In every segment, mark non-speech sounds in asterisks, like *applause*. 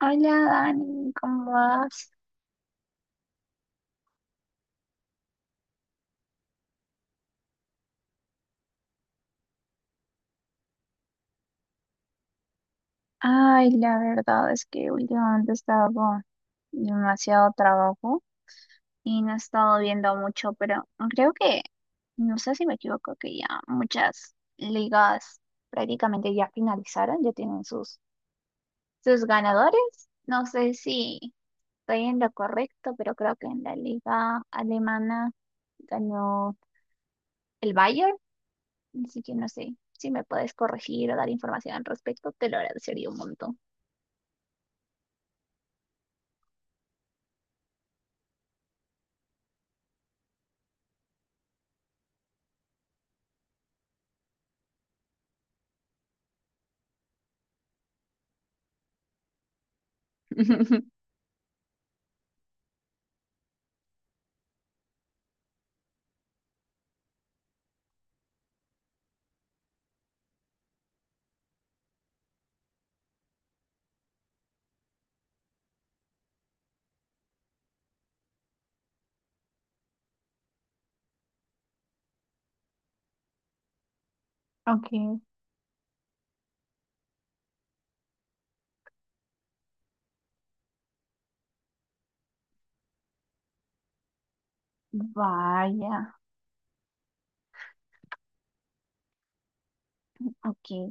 Hola Dani, ¿cómo vas? Ay, la verdad es que últimamente he estado con demasiado trabajo y no he estado viendo mucho, pero creo que, no sé si me equivoco, que ya muchas ligas prácticamente ya finalizaron, ya tienen sus ganadores. No sé si estoy en lo correcto, pero creo que en la liga alemana ganó el Bayern, así que no sé si me puedes corregir o dar información al respecto, te lo agradecería un montón. *laughs* Ok. Vaya. Ok.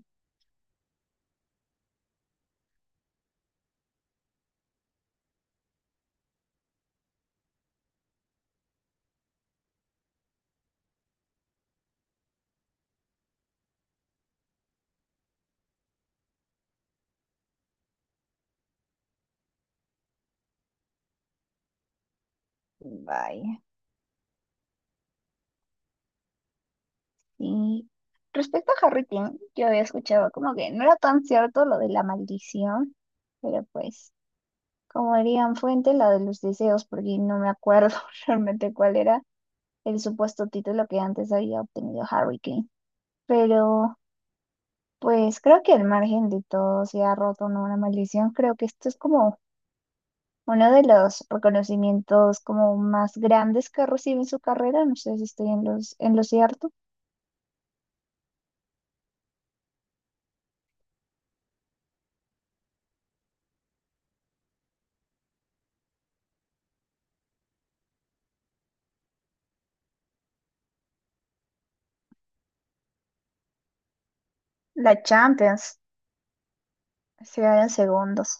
Vaya. Y respecto a Harry King, yo había escuchado como que no era tan cierto lo de la maldición, pero pues, como dirían Fuente, la de los deseos, porque no me acuerdo *laughs* realmente cuál era el supuesto título que antes había obtenido Harry King. Pero pues creo que al margen de todo se ha roto, ¿no?, una maldición. Creo que esto es como uno de los reconocimientos como más grandes que recibe en su carrera. No sé si estoy en en lo cierto, la Champions, se da en segundos.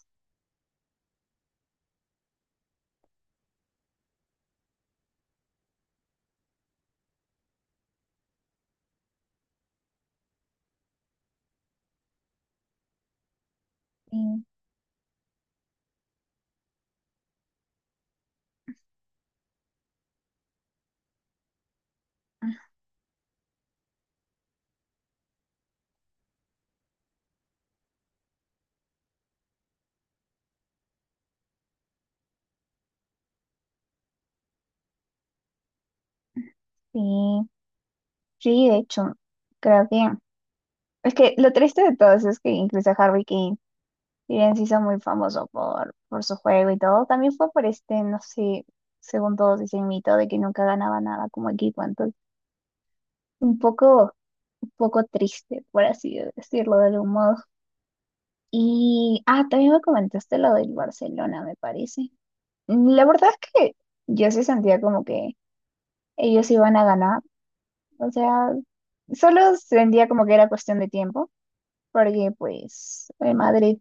Sí, ah, sí, sí, de hecho, creo que es que lo triste de todo eso es que incluso Harry Kane, si bien se hizo muy famoso por su juego y todo, también fue por este, no sé, según todos dicen mito de que nunca ganaba nada como equipo. Entonces un poco, un poco triste, por así decirlo de algún modo. Y, ah, también me comentaste lo del Barcelona, me parece. La verdad es que yo sí sentía como que ellos iban a ganar. O sea, solo sentía como que era cuestión de tiempo, porque pues el Madrid,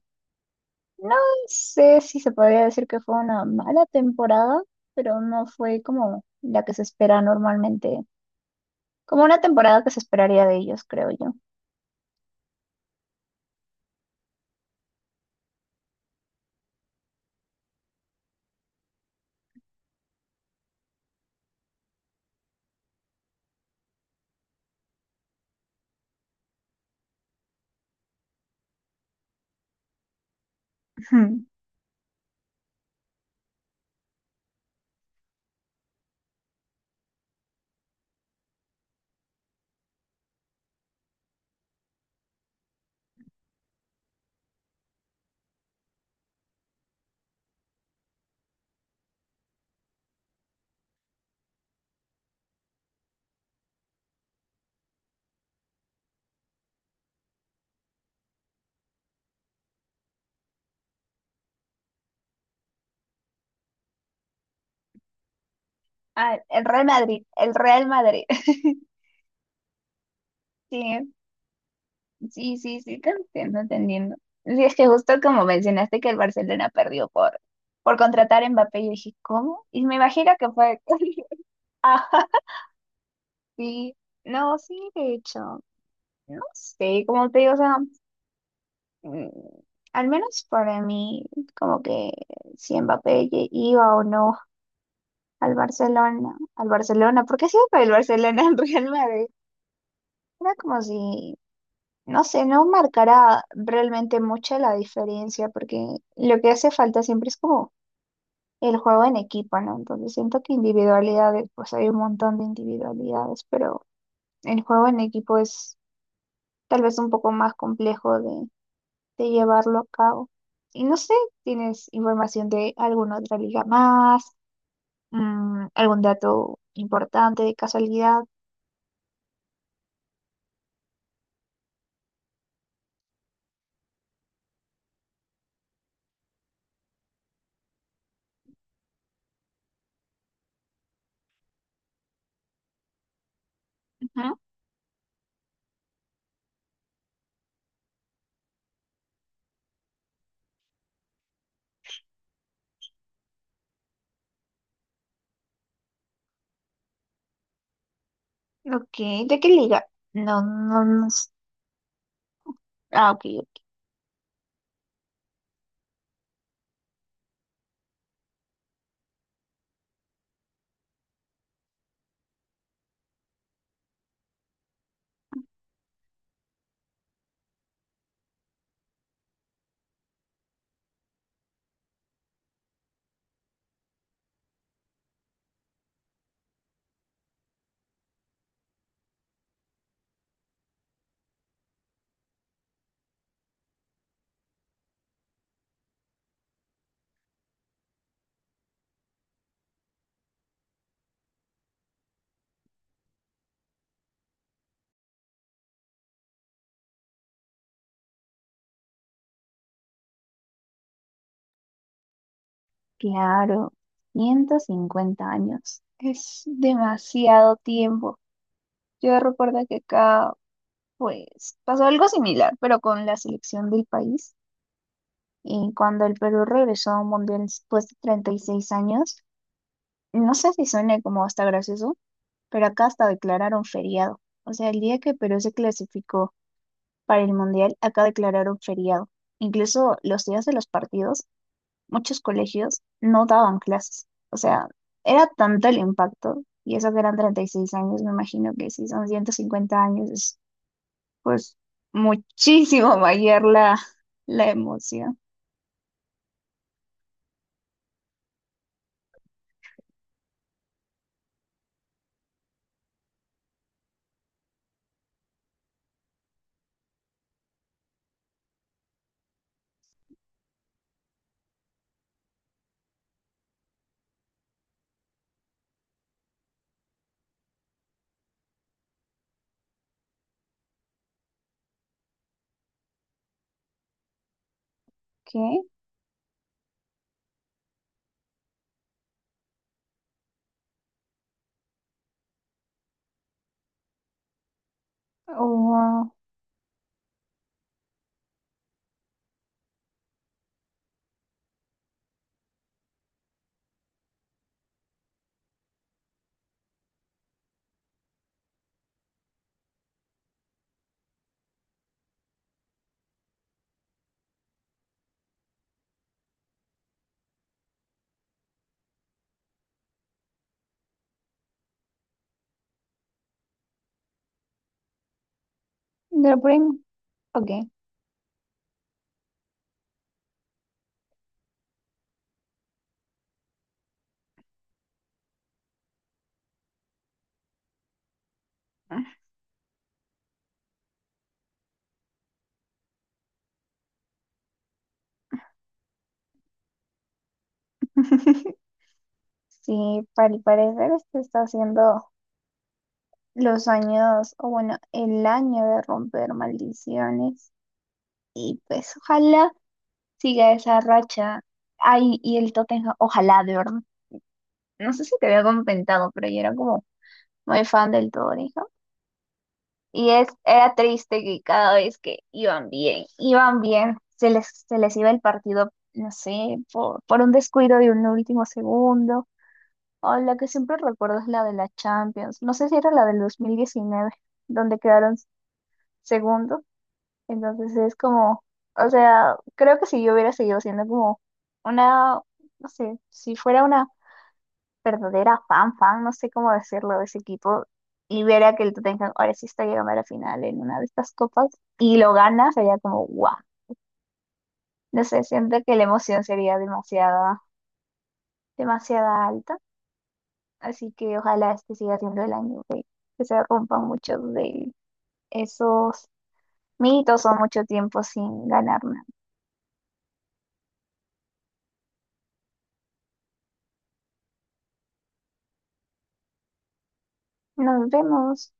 no sé si se podría decir que fue una mala temporada, pero no fue como la que se espera normalmente, como una temporada que se esperaría de ellos, creo yo. *laughs* Ah, el Real Madrid, el Real Madrid. *laughs* Sí. Sí, sí, sí, te entiendo, te entiendo. Sí, es que justo como mencionaste que el Barcelona perdió por contratar a Mbappé, yo dije, ¿cómo? Y me imagino que fue. *laughs* Sí, no, sí, de hecho, no sé, como te digo, o sea, mm, al menos para mí, como que si Mbappé iba o no al Barcelona, al Barcelona, porque siempre el Barcelona, *laughs* al Real Madrid, era como si no sé, no marcará realmente mucha la diferencia, porque lo que hace falta siempre es como el juego en equipo, ¿no? Entonces siento que individualidades, pues hay un montón de individualidades, pero el juego en equipo es tal vez un poco más complejo de llevarlo a cabo. Y no sé, ¿tienes información de alguna otra liga más? ¿Algún dato importante de casualidad? Ujú. Ok, ¿de qué liga? No, no, no. s- Ah, ok. Claro, 150 años. Es demasiado tiempo. Yo recuerdo que acá, pues, pasó algo similar, pero con la selección del país. Y cuando el Perú regresó a un mundial después de 36 años, no sé si suena como hasta gracioso, pero acá hasta declararon feriado. O sea, el día que Perú se clasificó para el mundial, acá declararon feriado. Incluso los días de los partidos muchos colegios no daban clases. O sea, era tanto el impacto, y eso que eran 36 años. Me imagino que si son 150 años, es pues muchísimo mayor la emoción. ¿Qué? Wow. De lo prim- Ok. *laughs* Sí, al parecer este está haciendo los años, o bueno, el año de romper maldiciones. Y pues ojalá siga esa racha. Ay, y el Tottenham, ojalá, de verdad. No sé si te había comentado, pero yo era como muy fan del Tottenham. Y es, era triste que cada vez que iban bien, se les iba el partido, no sé, por un descuido de un último segundo. O la que siempre recuerdo es la de la Champions. No sé si era la del 2019, donde quedaron segundos. Entonces es como, o sea, creo que si yo hubiera seguido siendo como una, no sé, si fuera una verdadera fan, no sé cómo decirlo, de ese equipo y ver a que el Tottenham ahora sí está llegando a la final en una de estas copas y lo gana, sería como guau. No sé, siento que la emoción sería demasiada, demasiada alta, así que ojalá este siga siendo el año que se rompan muchos de esos mitos o mucho tiempo sin ganar nada. Nos vemos.